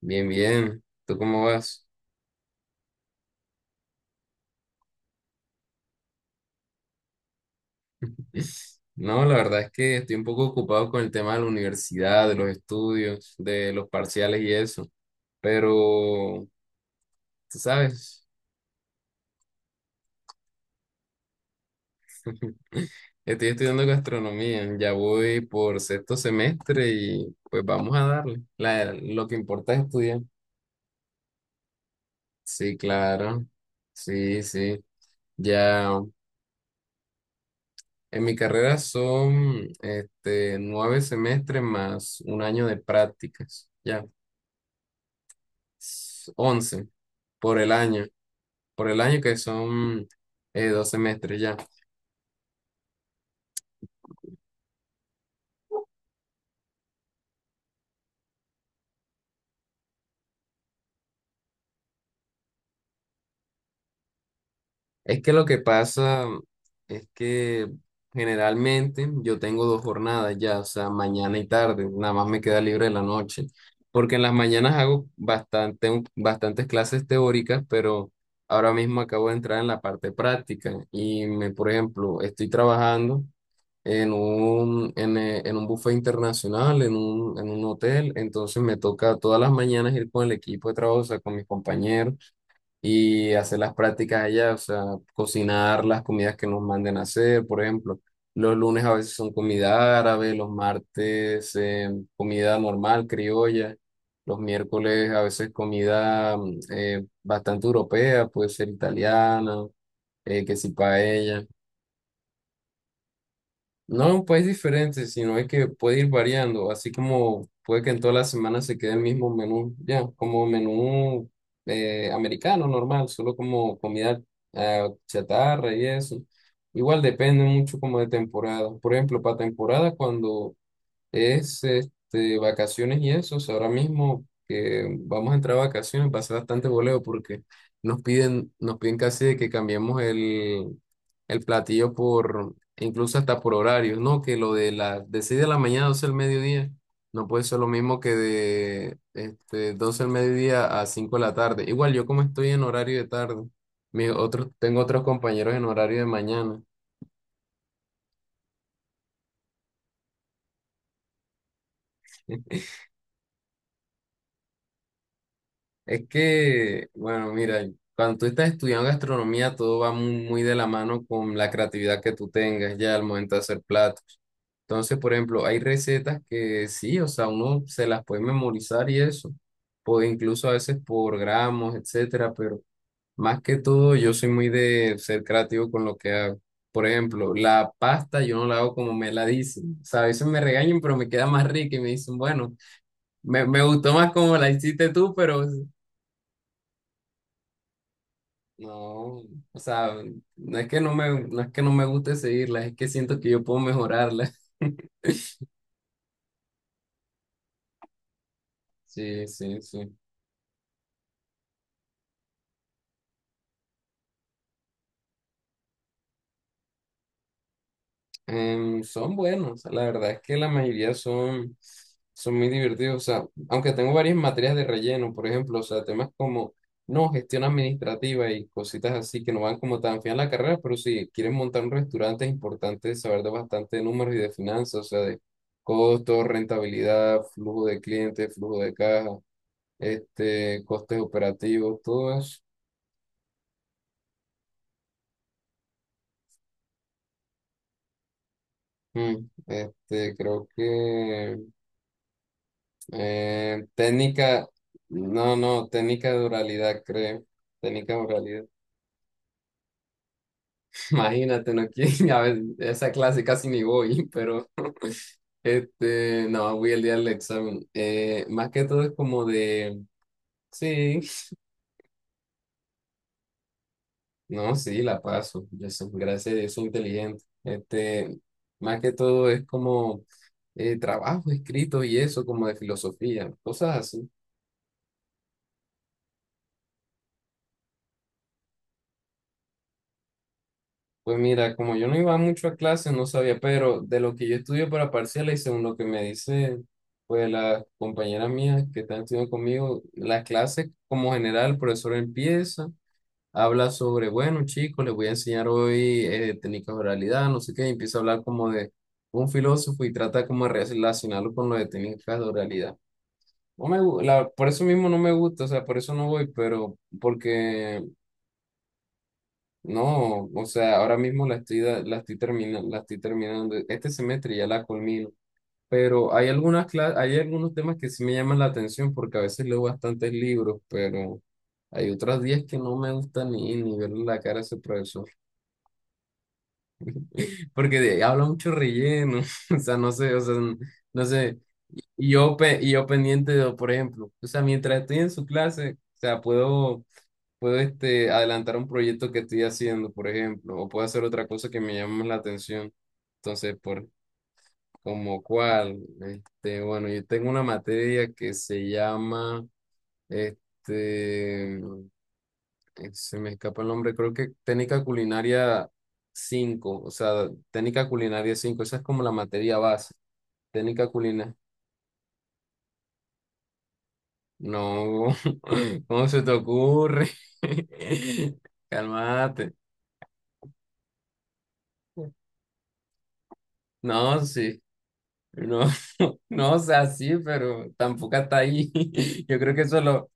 Bien, bien. ¿Tú cómo vas? No, la verdad es que estoy un poco ocupado con el tema de la universidad, de los estudios, de los parciales y eso. Pero, tú sabes, estoy estudiando gastronomía, ya voy por sexto semestre y pues vamos a darle. Lo que importa es estudiar. Sí, claro. Sí, sí. Ya en mi carrera son 9 semestres más un año de prácticas. Ya. 11 por el año, por el año que son 2 semestres ya. Es que lo que pasa es que generalmente yo tengo dos jornadas ya, o sea, mañana y tarde, nada más me queda libre la noche, porque en las mañanas hago bastantes clases teóricas, pero ahora mismo acabo de entrar en la parte práctica y me, por ejemplo, estoy trabajando en un buffet internacional, en un hotel. Entonces me toca todas las mañanas ir con el equipo de trabajo, o sea, con mis compañeros y hacer las prácticas allá, o sea, cocinar las comidas que nos manden a hacer, por ejemplo. Los lunes a veces son comida árabe, los martes comida normal, criolla, los miércoles a veces comida bastante europea, puede ser italiana, que si paella. No un país diferente, sino es que puede ir variando, así como puede que en todas las semanas se quede el mismo menú, ya, como menú americano normal, solo como comida chatarra y eso. Igual depende mucho como de temporada. Por ejemplo, para temporada, cuando es vacaciones y eso. O sea, ahora mismo que vamos a entrar a vacaciones va a ser bastante voleo porque nos piden casi de que cambiemos el, platillo por, incluso hasta por horarios, ¿no? Que lo de las de 6 de la mañana a 12 del mediodía no puede ser lo mismo que de 12 del mediodía a 5 de la tarde. Igual yo como estoy en horario de tarde, mi otro tengo otros compañeros en horario de mañana. Es que, bueno, mira, cuando tú estás estudiando gastronomía, todo va muy, muy de la mano con la creatividad que tú tengas ya al momento de hacer platos. Entonces, por ejemplo, hay recetas que sí, o sea, uno se las puede memorizar y eso, puede incluso a veces por gramos, etcétera, pero más que todo, yo soy muy de ser creativo con lo que hago. Por ejemplo, la pasta yo no la hago como me la dicen. O sea, a veces me regañan, pero me queda más rica y me dicen, bueno, me gustó más como la hiciste tú, pero no, o sea, no es que no me, no es que no me guste seguirlas, es que siento que yo puedo mejorarlas. Sí, sí, sí. Son buenos, la verdad es que la mayoría son muy divertidos, o sea, aunque tengo varias materias de relleno, por ejemplo, o sea, temas como, no, gestión administrativa y cositas así que no van como tan fiel a la carrera, pero si quieren montar un restaurante es importante saber de bastante de números y de finanzas, o sea, de costos, rentabilidad, flujo de clientes, flujo de caja, costes operativos, todo eso. Creo que técnica, no, no, técnica de oralidad, creo. Técnica de oralidad. Imagínate, no quiero. A ver, esa clase casi ni voy, pero no, voy el día del examen. Más que todo es como de, sí, no, sí, la paso. Yo soy, gracias a Dios, soy inteligente. Más que todo es como trabajos escritos y eso, como de filosofía, cosas así. Pues mira, como yo no iba mucho a clases, no sabía, pero de lo que yo estudio para parciales y según lo que me dice, pues las compañeras mías que están estudiando conmigo, las clases como general, el profesor empieza, habla sobre, bueno, chicos, les voy a enseñar hoy técnicas de oralidad, no sé qué, y empieza a hablar como de un filósofo y trata como de relacionarlo con lo de técnicas de oralidad. No me, gu- la, Por eso mismo no me gusta, o sea, por eso no voy, pero porque no, o sea, ahora mismo la estoy terminando. Este semestre ya la culmino, pero hay hay algunos temas que sí me llaman la atención porque a veces leo bastantes libros, pero hay otros días que no me gusta ni verle la cara a ese profesor, porque habla mucho relleno, o sea, no sé, o sea, no sé, y yo, y yo pendiente de, por ejemplo, o sea, mientras estoy en su clase, o sea, puedo adelantar un proyecto que estoy haciendo, por ejemplo, o puedo hacer otra cosa que me llame más la atención. Entonces, por como cuál, bueno, yo tengo una materia que se llama, este, eh, se me escapa el nombre, creo que técnica culinaria cinco, o sea, técnica culinaria cinco, esa es como la materia base, técnica culinaria. No, ¿cómo se te ocurre? Calmate. No, sí. No, no, o sea, sí, pero tampoco hasta ahí. Yo creo que eso lo...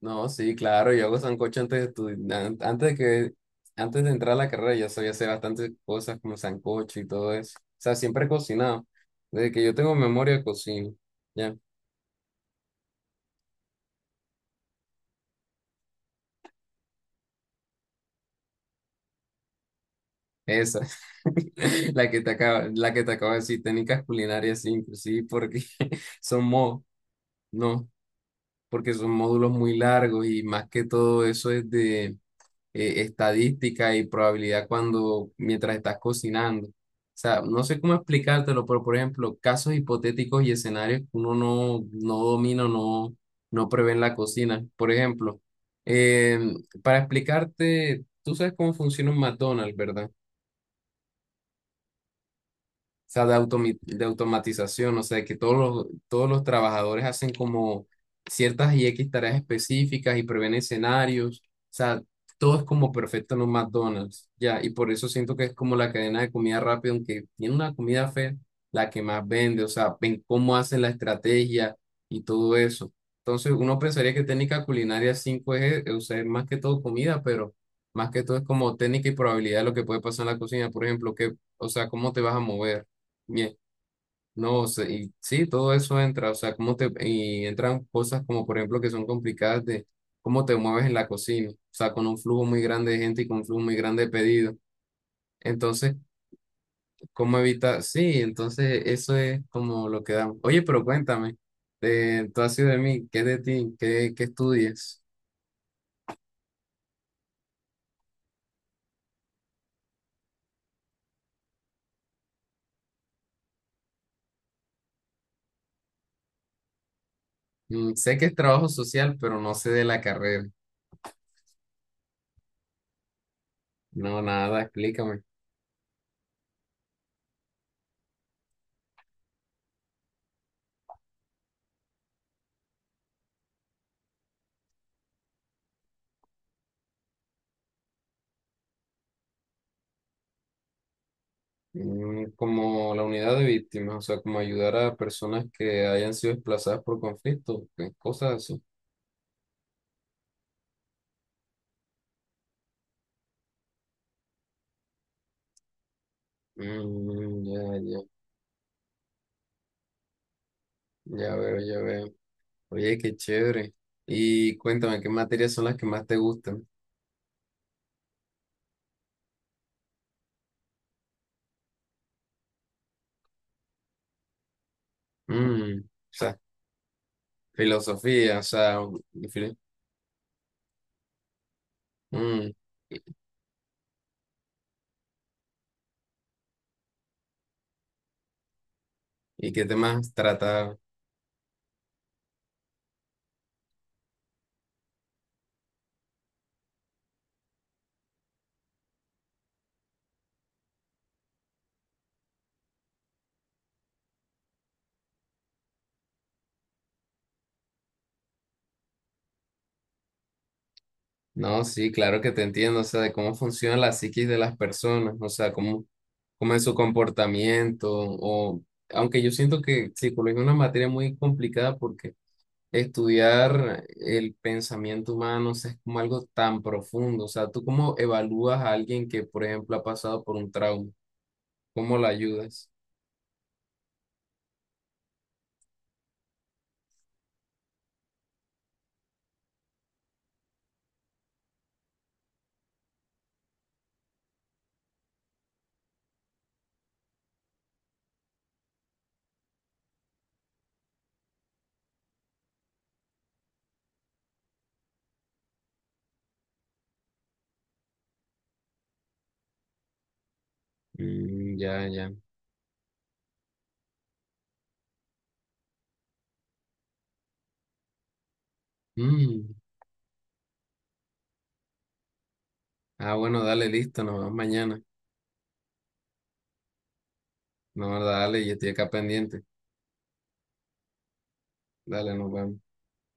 No, sí, claro, yo hago sancocho antes de estudiar, antes de que, antes de entrar a la carrera, yo sabía hacer bastantes cosas como sancocho y todo eso. O sea, siempre he cocinado. Desde que yo tengo memoria, cocino. Ya, esa. La que te acaba, la que te acabo de decir, técnicas culinarias, sí, inclusive, porque son mo, no, porque son módulos muy largos y más que todo eso es de estadística y probabilidad cuando mientras estás cocinando. O sea, no sé cómo explicártelo, pero por ejemplo, casos hipotéticos y escenarios que uno no domina, no prevé en la cocina. Por ejemplo, em, para explicarte, tú sabes cómo funciona un McDonald's, ¿verdad? O sea, de automatización, o sea, que todos los trabajadores hacen como ciertas y X tareas específicas y prevén escenarios, o sea, todo es como perfecto en un McDonald's, ya, y por eso siento que es como la cadena de comida rápida, aunque tiene una comida fea, la que más vende, o sea, ven cómo hacen la estrategia y todo eso. Entonces, uno pensaría que técnica culinaria 5 es, o sea, es más que todo comida, pero más que todo es como técnica y probabilidad de lo que puede pasar en la cocina, por ejemplo, que, o sea, cómo te vas a mover. Bien, no, o sea, y sí, todo eso entra, o sea, cómo te, y entran cosas como por ejemplo que son complicadas de cómo te mueves en la cocina, o sea, con un flujo muy grande de gente y con un flujo muy grande de pedidos. Entonces, ¿cómo evitar? Sí, entonces eso es como lo que damos. Oye, pero cuéntame, tú has sido de mí, ¿qué es de ti? ¿Qué, qué estudias? Mm, sé que es trabajo social, pero no sé de la carrera. No, nada, explícame. Mm, como la unidad de víctimas, o sea, como ayudar a personas que hayan sido desplazadas por conflictos, cosas así. Mm, ya, ya, ya veo, ya veo. Oye, qué chévere. Y cuéntame, ¿qué materias son las que más te gustan? Mm, o sea, filosofía, o sea, filo- mm, ¿y qué temas trata? No, sí, claro que te entiendo, o sea, de cómo funciona la psiquis de las personas, o sea, cómo es su comportamiento, o aunque yo siento que psicología es una materia muy complicada porque estudiar el pensamiento humano, o sea, es como algo tan profundo, o sea, ¿tú cómo evalúas a alguien que, por ejemplo, ha pasado por un trauma? ¿Cómo la ayudas? Mm, ya, ya. Mm, ah, bueno, dale, listo, nos vemos mañana. No, dale, yo estoy acá pendiente. Dale, nos vemos.